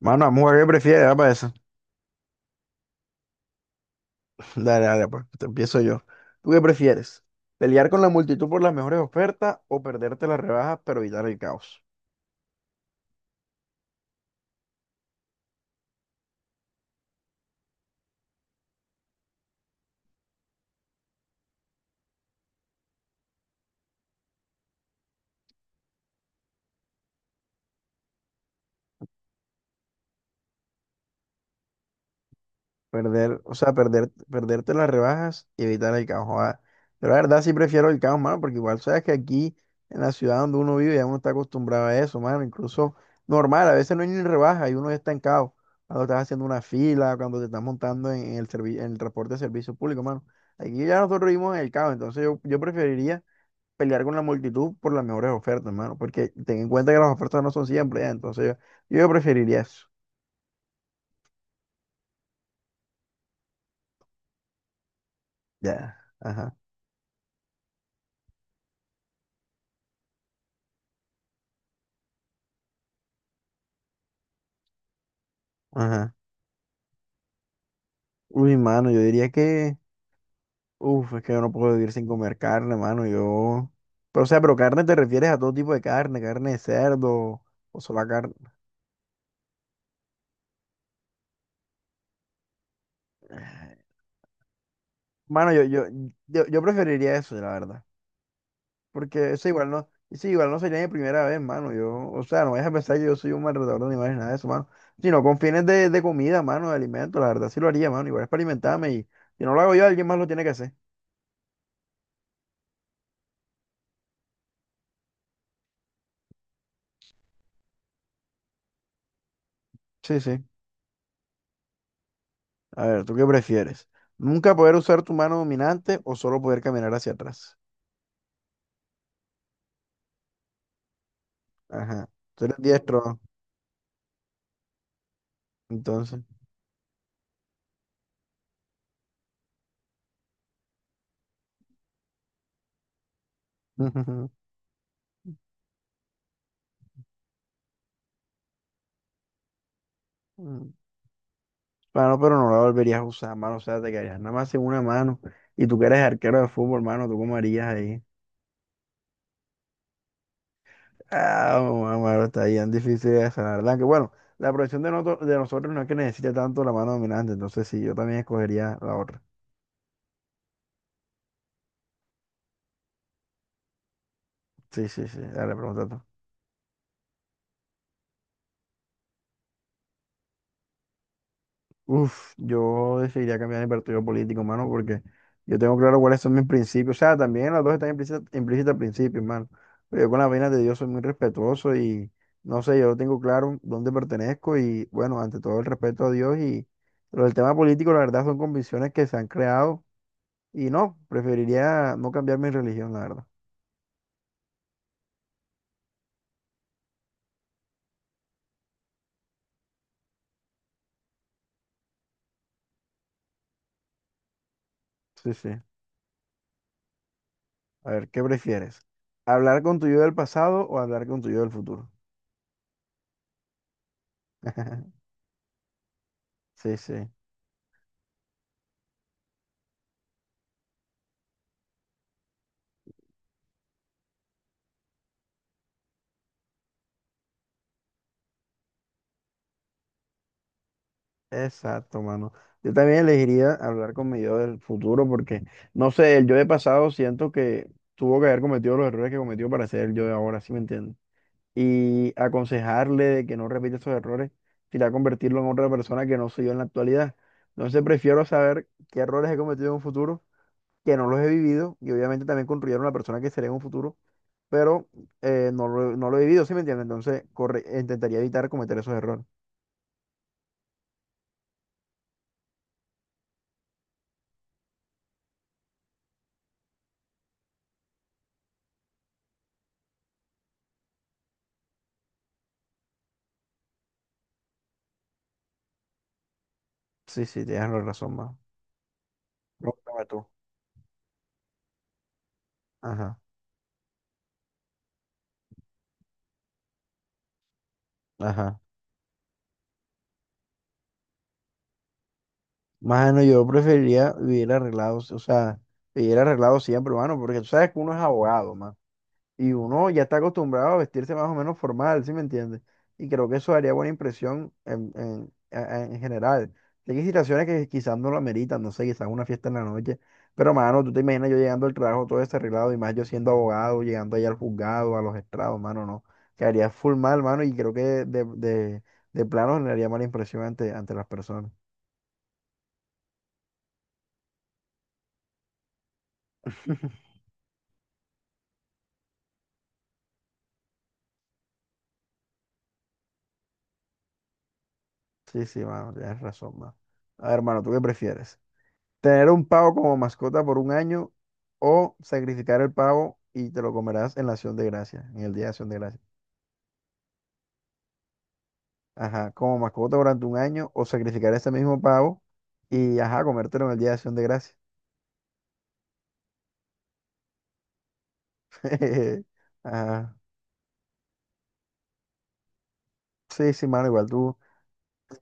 Mano, vamos a jugar qué prefieres, va para eso. Dale, dale, pues, te empiezo yo. ¿Tú qué prefieres? ¿Pelear con la multitud por las mejores ofertas o perderte las rebajas pero evitar el caos? Perder, o sea, perder, perderte las rebajas y evitar el caos. Joda. Yo la verdad sí prefiero el caos, mano, porque igual sabes que aquí en la ciudad donde uno vive ya uno está acostumbrado a eso, mano. Incluso normal, a veces no hay ni rebaja y uno ya está en caos. Cuando estás haciendo una fila, cuando te estás montando en el, en el transporte de servicio público, mano. Aquí ya nosotros vivimos en el caos, entonces yo preferiría pelear con la multitud por las mejores ofertas, hermano, porque ten en cuenta que las ofertas no son siempre, ya, entonces yo preferiría eso. Ya, ajá, ajá. Uy, mano, yo diría que, es que yo no puedo vivir sin comer carne, mano, yo... Pero, o sea, pero carne te refieres a todo tipo de carne, ¿carne de cerdo o sola carne? Mano, yo preferiría eso, la verdad. Porque eso igual no sería mi primera vez, mano. Yo, o sea, no vayas a pensar que yo soy un maltratador de animales, nada de eso, mano. Sino con fines de comida, mano, de alimento, la verdad sí lo haría, mano. Igual es para alimentarme y si no lo hago yo, alguien más lo tiene que hacer. Sí, sí. A ver, ¿tú qué prefieres? ¿Nunca poder usar tu mano dominante o solo poder caminar hacia atrás? Ajá. Tú eres diestro, entonces. Mm. Mano, pero no la volverías a usar, mano. O sea, te quedarías nada más en una mano. Y tú que eres arquero de fútbol, mano, ¿tú cómo harías ahí? Ah, mamá, está bien difícil esa, la verdad. Que bueno, la profesión de, de nosotros no es que necesite tanto la mano dominante, entonces sí, yo también escogería la otra. Sí, sí, sí, dale, pregunta tú. Uf, yo decidiría cambiar mi partido político, mano, porque yo tengo claro cuáles son mis principios. O sea, también las dos están implícitas principios, mano. Pero yo con las vainas de Dios soy muy respetuoso y no sé, yo tengo claro dónde pertenezco y bueno, ante todo el respeto a Dios y pero el tema político, la verdad, son convicciones que se han creado. Y no, preferiría no cambiar mi religión, la verdad. Sí, sí. A ver, ¿qué prefieres? ¿Hablar con tu yo del pasado o hablar con tu yo del futuro? Sí, sí. Exacto, mano. Yo también elegiría hablar con mi yo del futuro porque, no sé, el yo del pasado siento que tuvo que haber cometido los errores que cometió para ser el yo de ahora, ¿sí me entiendes? Y aconsejarle de que no repita esos errores, irá a convertirlo en otra persona que no soy yo en la actualidad. Entonces prefiero saber qué errores he cometido en un futuro que no los he vivido y obviamente también construyeron la persona que seré en un futuro, pero no lo he vivido, ¿sí me entiendes? Entonces, corre, intentaría evitar cometer esos errores. Sí, sí, tienes la razón, más. Pregúntame tú. Ajá, ajá. Mano, yo preferiría vivir arreglado, o sea, vivir arreglado siempre, mano, porque tú sabes que uno es abogado, mano. Y uno ya está acostumbrado a vestirse más o menos formal, ¿sí me entiendes? Y creo que eso daría buena impresión en general. Sí. Hay situaciones que quizás no lo ameritan, no sé, quizás una fiesta en la noche. Pero, mano, tú te imaginas yo llegando al trabajo todo desarreglado y más yo siendo abogado, llegando allá al juzgado, a los estrados, mano, no. Quedaría full mal, mano, y creo que de, de plano generaría mala impresión ante las personas. Sí, sí, mano, tienes razón, mano. A ver, mano, ¿tú qué prefieres? ¿Tener un pavo como mascota por un año o sacrificar el pavo y te lo comerás en la acción de gracias en el día de acción de gracias? Ajá, ¿como mascota durante un año o sacrificar ese mismo pavo y ajá, comértelo en el día de acción de gracias? Ajá. Sí, sí, mano, igual tú.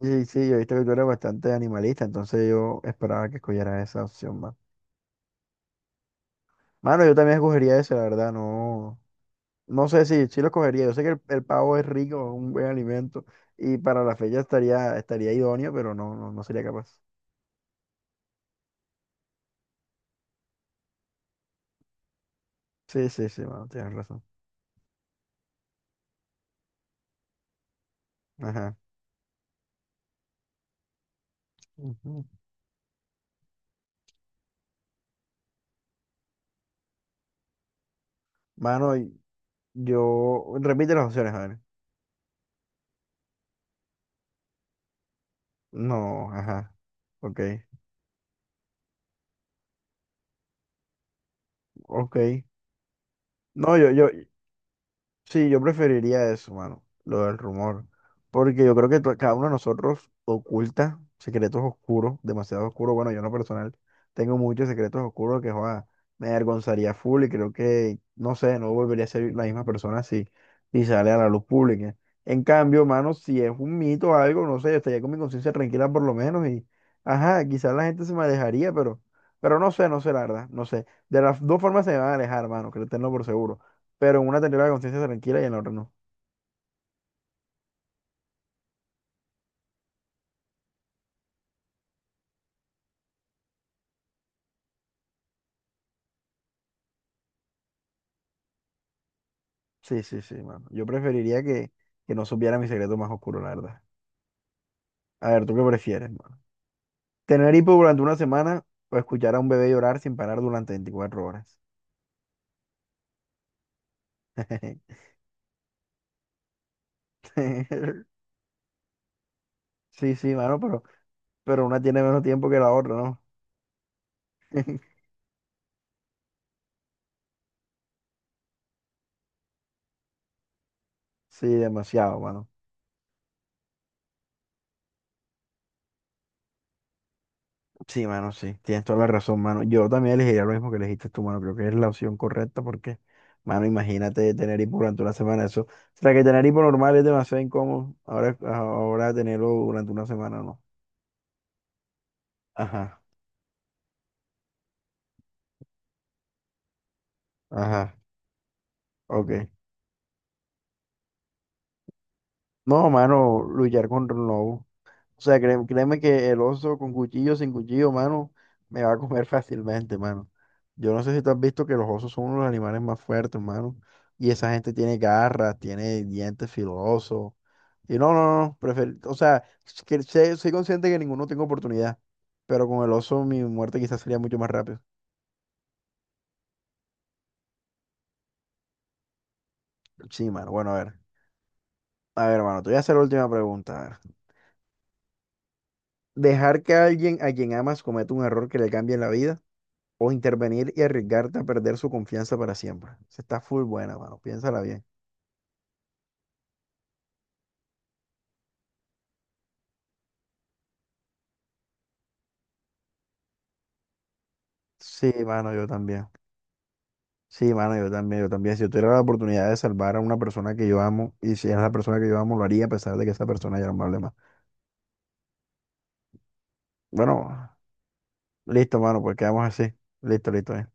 Sí, sí, yo he visto que tú eres bastante animalista, entonces yo esperaba que escogiera esa opción, mano. Mano, yo también escogería esa, la verdad, no. No sé si sí lo cogería. Yo sé que el pavo es rico, es un buen alimento y para la fecha estaría idóneo, pero no, no, no sería capaz. Sí, sí, sí, mano, tienes razón. Ajá. Ujú. Mano, Repite las opciones, a ver. No, ajá. Ok, ok. No, yo, Sí, yo preferiría eso, mano, lo del rumor, porque yo creo que cada uno de nosotros oculta secretos oscuros, demasiado oscuros. Bueno, yo en lo personal tengo muchos secretos oscuros que joda, me avergonzaría full y creo que, no sé, no volvería a ser la misma persona si sale a la luz pública. En cambio, mano, si es un mito o algo, no sé, yo estaría con mi conciencia tranquila por lo menos y, ajá, quizás la gente se me alejaría, pero la verdad, no sé. De las dos formas se me van a alejar, mano, créetenlo por seguro. Pero en una tendría la conciencia tranquila y en la otra no. Sí, sí, sí, mano. Yo preferiría que no supiera mi secreto más oscuro, la verdad. A ver, ¿tú qué prefieres, mano? ¿Tener hipo durante una semana o escuchar a un bebé llorar sin parar durante 24 horas? Sí, sí, mano, pero una tiene menos tiempo que la otra, ¿no? Sí, demasiado, mano. Sí, mano, sí, tienes toda la razón, mano. Yo también elegiría lo mismo que elegiste tú, mano. Creo que es la opción correcta porque, mano, imagínate tener hipo durante una semana. Eso, o sea, que tener hipo normal es demasiado incómodo. Ahora, ahora tenerlo durante una semana, no. Ajá, ajá, ok. No, mano, luchar contra un lobo. O sea, créeme que el oso con cuchillo, sin cuchillo, mano, me va a comer fácilmente, mano. Yo no sé si tú has visto que los osos son uno de los animales más fuertes, mano. Y esa gente tiene garras, tiene dientes filosos. Y no, no, no, prefer- o sea, que soy consciente que ninguno tengo oportunidad, pero con el oso mi muerte quizás sería mucho más rápido. Sí, mano, bueno, a ver. A ver, mano, te voy a hacer la última pregunta. A ver. ¿Dejar que alguien a quien amas cometa un error que le cambie la vida o intervenir y arriesgarte a perder su confianza para siempre? Se está full buena, mano, piénsala bien. Sí, mano, yo también. Sí, mano, yo también, yo también. Si yo tuviera la oportunidad de salvar a una persona que yo amo y si es la persona que yo amo, lo haría a pesar de que esa persona ya no me hable más. Bueno. Listo, mano, pues quedamos así. Listo, listo. Eh.